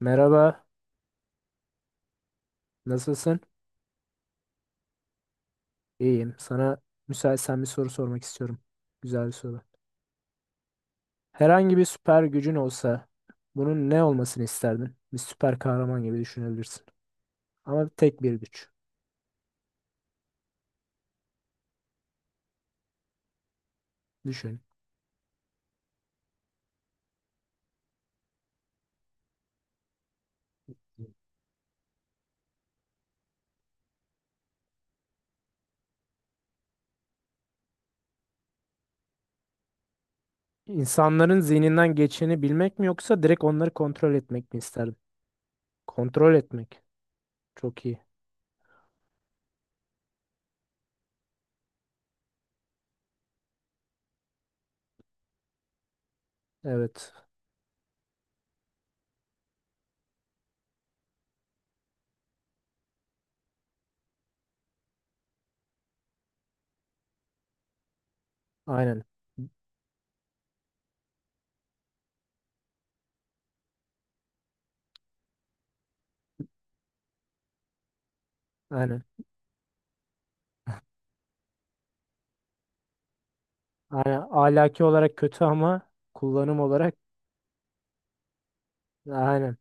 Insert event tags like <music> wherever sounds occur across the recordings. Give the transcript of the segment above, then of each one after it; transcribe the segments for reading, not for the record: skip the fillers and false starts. Merhaba, nasılsın? İyiyim. Sana müsaitsen bir soru sormak istiyorum. Güzel bir soru. Herhangi bir süper gücün olsa bunun ne olmasını isterdin? Bir süper kahraman gibi düşünebilirsin. Ama tek bir güç. Düşün. İnsanların zihninden geçeni bilmek mi yoksa direkt onları kontrol etmek mi isterdin? Kontrol etmek. Çok iyi. Evet. Aynen. Aynen. Aynen. Ahlaki olarak kötü ama kullanım olarak aynen.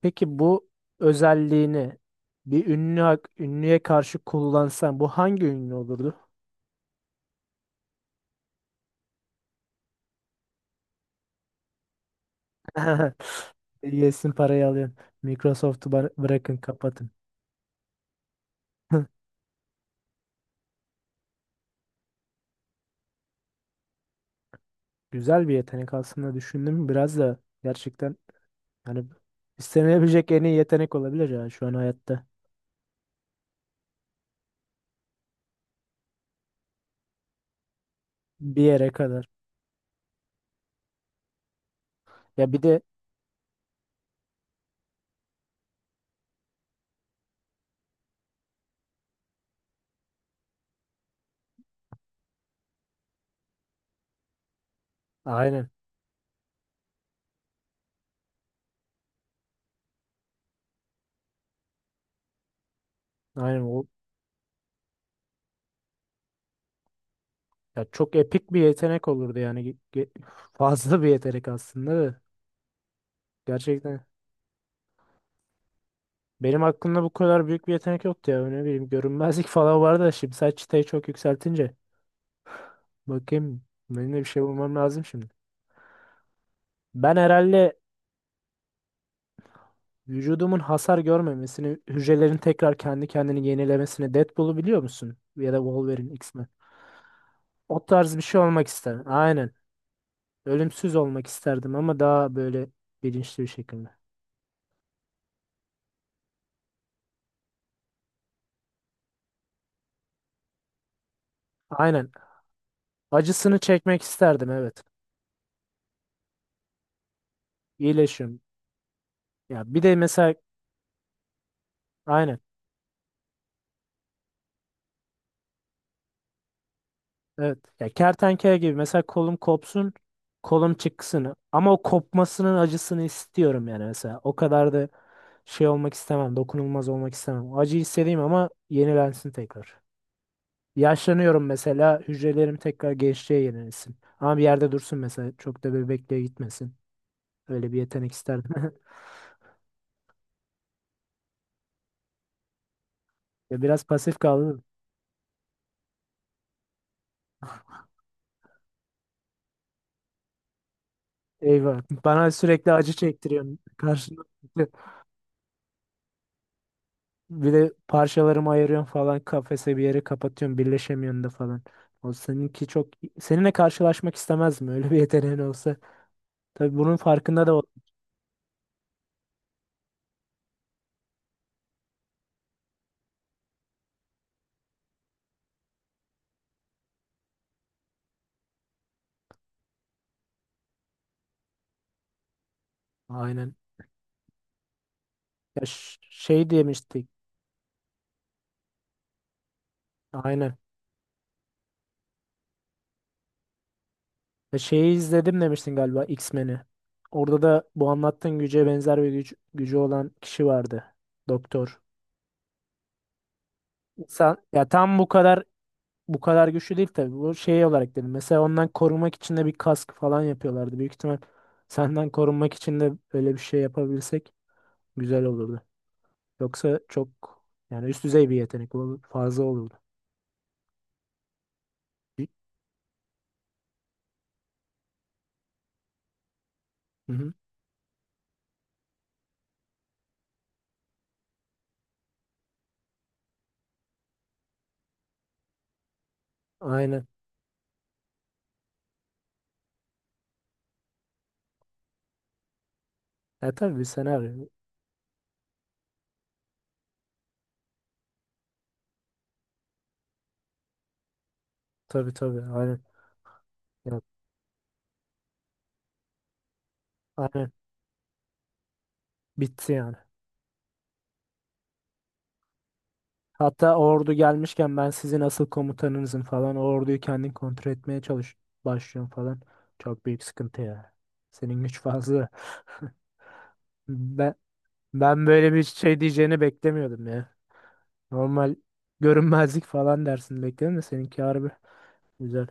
Peki bu özelliğini bir ünlü ünlüye karşı kullansan bu hangi ünlü olurdu? <laughs> Yesin parayı alıyorum. Microsoft'u bırakın kapatın. <laughs> Güzel bir yetenek aslında düşündüm biraz da gerçekten yani istenebilecek en iyi yetenek olabilir ya şu an hayatta bir yere kadar. Ya bir de aynen, aynen o, ya çok epik bir yetenek olurdu yani fazla bir yetenek aslında da gerçekten. Benim aklımda bu kadar büyük bir yetenek yoktu ya. Ne bileyim görünmezlik <laughs> falan vardı da şimdi sen çıtayı çok yükseltince. Bakayım, benim de bir şey bulmam lazım şimdi. Ben herhalde vücudumun hasar görmemesini, hücrelerin tekrar kendi kendini yenilemesini. Deadpool'u biliyor musun? Ya da Wolverine, X-Men. O tarz bir şey olmak isterdim. Aynen. Ölümsüz olmak isterdim ama daha böyle bilinçli bir şekilde. Aynen. Acısını çekmek isterdim, evet. İyileşiyorum. Ya bir de mesela aynen. Evet. Ya kertenkele gibi mesela kolum kopsun, kolum çıksın ama o kopmasının acısını istiyorum yani mesela. O kadar da şey olmak istemem, dokunulmaz olmak istemem. Acı hissedeyim ama yenilensin tekrar. Yaşlanıyorum mesela, hücrelerim tekrar gençliğe yenilensin. Ama bir yerde dursun mesela, çok da bebekliğe gitmesin. Öyle bir yetenek isterdim. <laughs> Ya biraz pasif kaldım. Eyvah. Bana sürekli acı çektiriyorsun. Karşında. <laughs> Bir de parçalarımı ayırıyorum falan, kafese bir yere kapatıyorum, birleşemiyorsun da falan. O seninki çok, seninle karşılaşmak istemezdim <laughs> öyle bir yeteneğin olsa. Tabii bunun farkında da ol. Aynen. Şey demiştik. Aynen. Ya şeyi izledim demiştin galiba, X-Men'i. Orada da bu anlattığın güce benzer bir güç, gücü olan kişi vardı. Doktor. İnsan ya tam bu kadar, güçlü değil tabii. Bu şey olarak dedim. Mesela ondan korunmak için de bir kask falan yapıyorlardı. Büyük ihtimal senden korunmak için de öyle bir şey yapabilsek güzel olurdu. Yoksa çok, yani üst düzey bir yetenek olur, fazla olurdu. Hı-hı. Aynen. Ya tabii bir senaryo. Tabii tabii. Aynen. Ya, aynen. Bitti yani. Hatta ordu gelmişken ben sizin asıl komutanınızım falan. O orduyu kendin kontrol etmeye çalış başlıyorum falan. Çok büyük sıkıntı ya. Senin güç fazla. <laughs> Ben Ben böyle bir şey diyeceğini beklemiyordum ya. Normal görünmezlik falan dersin bekledim de seninki harbi güzel.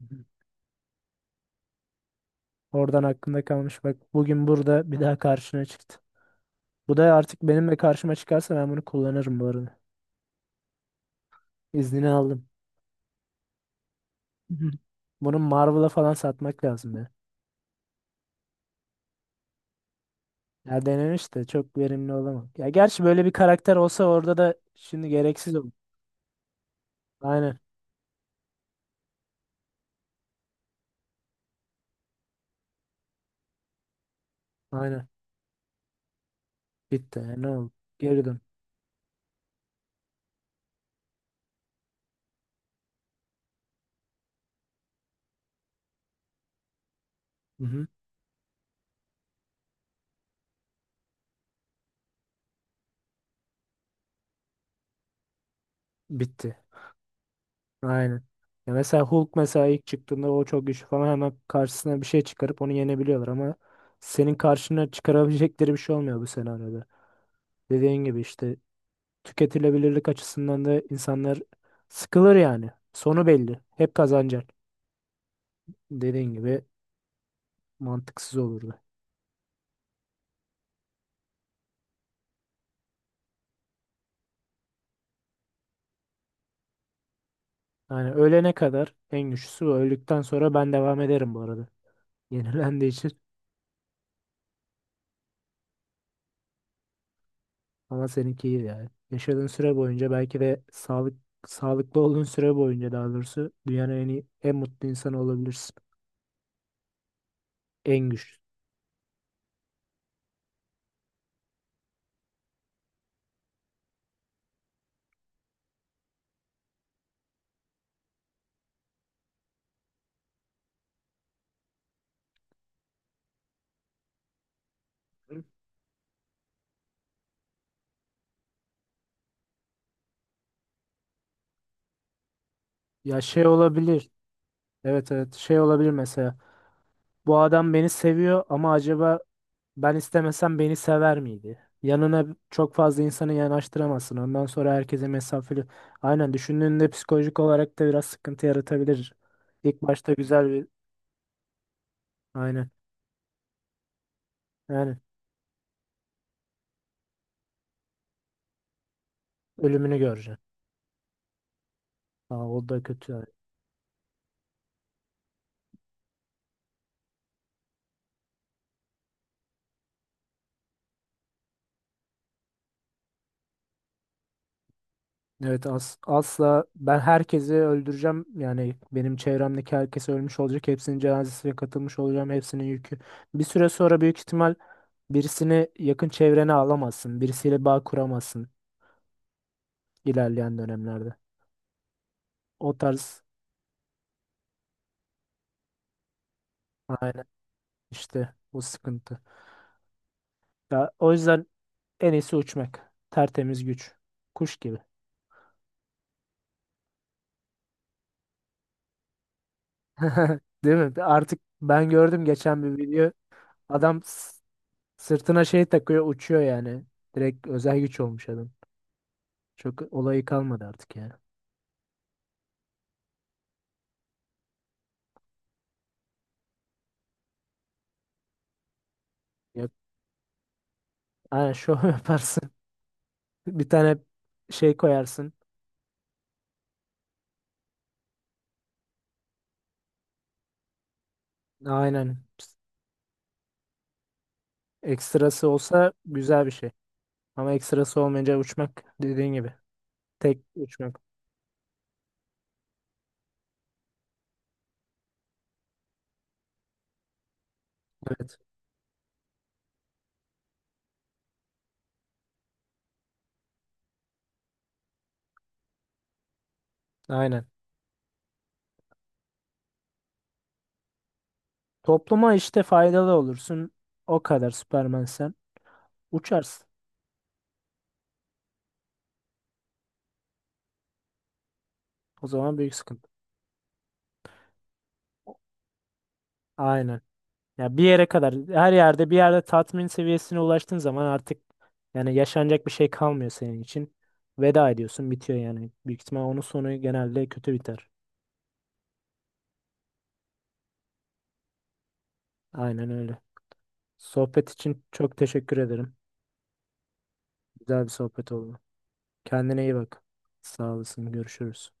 Hı. Oradan aklımda kalmış bak, bugün burada bir daha karşına çıktı. Bu da artık benimle karşıma çıkarsa ben bunu kullanırım bu arada. İznini aldım. Hı. Bunu Marvel'a falan satmak lazım ya. Ya denemiş de çok verimli olamam. Ya gerçi böyle bir karakter olsa orada da şimdi gereksiz olur. Aynen. Aynen. Bitti. Ya ne oldu? Geri dön. Hı hı. Bitti. Aynen. Ya mesela Hulk, mesela ilk çıktığında o çok güçlü falan, hemen karşısına bir şey çıkarıp onu yenebiliyorlar ama senin karşına çıkarabilecekleri bir şey olmuyor bu senaryoda. Dediğin gibi işte tüketilebilirlik açısından da insanlar sıkılır yani. Sonu belli. Hep kazanacak. Dediğin gibi mantıksız olurdu. Yani ölene kadar en güçlüsü bu. Öldükten sonra ben devam ederim bu arada. <laughs> Yenilendiği için. Ama seninki iyi yani. Yaşadığın süre boyunca belki de sağlıklı olduğun süre boyunca daha doğrusu dünyanın en iyi, en mutlu insanı olabilirsin. En güçlü. Ya şey olabilir. Evet evet, şey olabilir mesela. Bu adam beni seviyor ama acaba ben istemesem beni sever miydi? Yanına çok fazla insanı yanaştıramazsın. Ondan sonra herkese mesafeli. Aynen, düşündüğünde psikolojik olarak da biraz sıkıntı yaratabilir. İlk başta güzel bir aynen yani ölümünü göreceksin. Aa, o da kötü yani. Evet, asla ben herkesi öldüreceğim. Yani benim çevremdeki herkes ölmüş olacak. Hepsinin cenazesine katılmış olacağım. Hepsinin yükü. Bir süre sonra büyük ihtimal birisini yakın çevrene alamazsın. Birisiyle bağ kuramazsın ilerleyen dönemlerde. O tarz aynen, işte bu sıkıntı. Ya o yüzden en iyisi uçmak. Tertemiz güç. Kuş gibi. <laughs> Değil mi? Artık ben gördüm geçen bir video. Adam sırtına şey takıyor, uçuyor yani. Direkt özel güç olmuş adam. Çok olayı kalmadı artık ya. Yap, aynen şov <laughs> yaparsın. Bir tane şey koyarsın. Aynen. Ekstrası olsa güzel bir şey. Ama ekstrası olmayınca uçmak dediğin gibi. Tek uçmak. Evet. Aynen. Topluma işte faydalı olursun. O kadar Superman sen. Uçarsın. O zaman büyük sıkıntı. Aynen. Ya bir yere kadar, her yerde bir yerde tatmin seviyesine ulaştığın zaman artık yani yaşanacak bir şey kalmıyor senin için. Veda ediyorsun, bitiyor yani. Büyük ihtimal onun sonu genelde kötü biter. Aynen öyle. Sohbet için çok teşekkür ederim. Güzel bir sohbet oldu. Kendine iyi bak. Sağ olasın. Görüşürüz.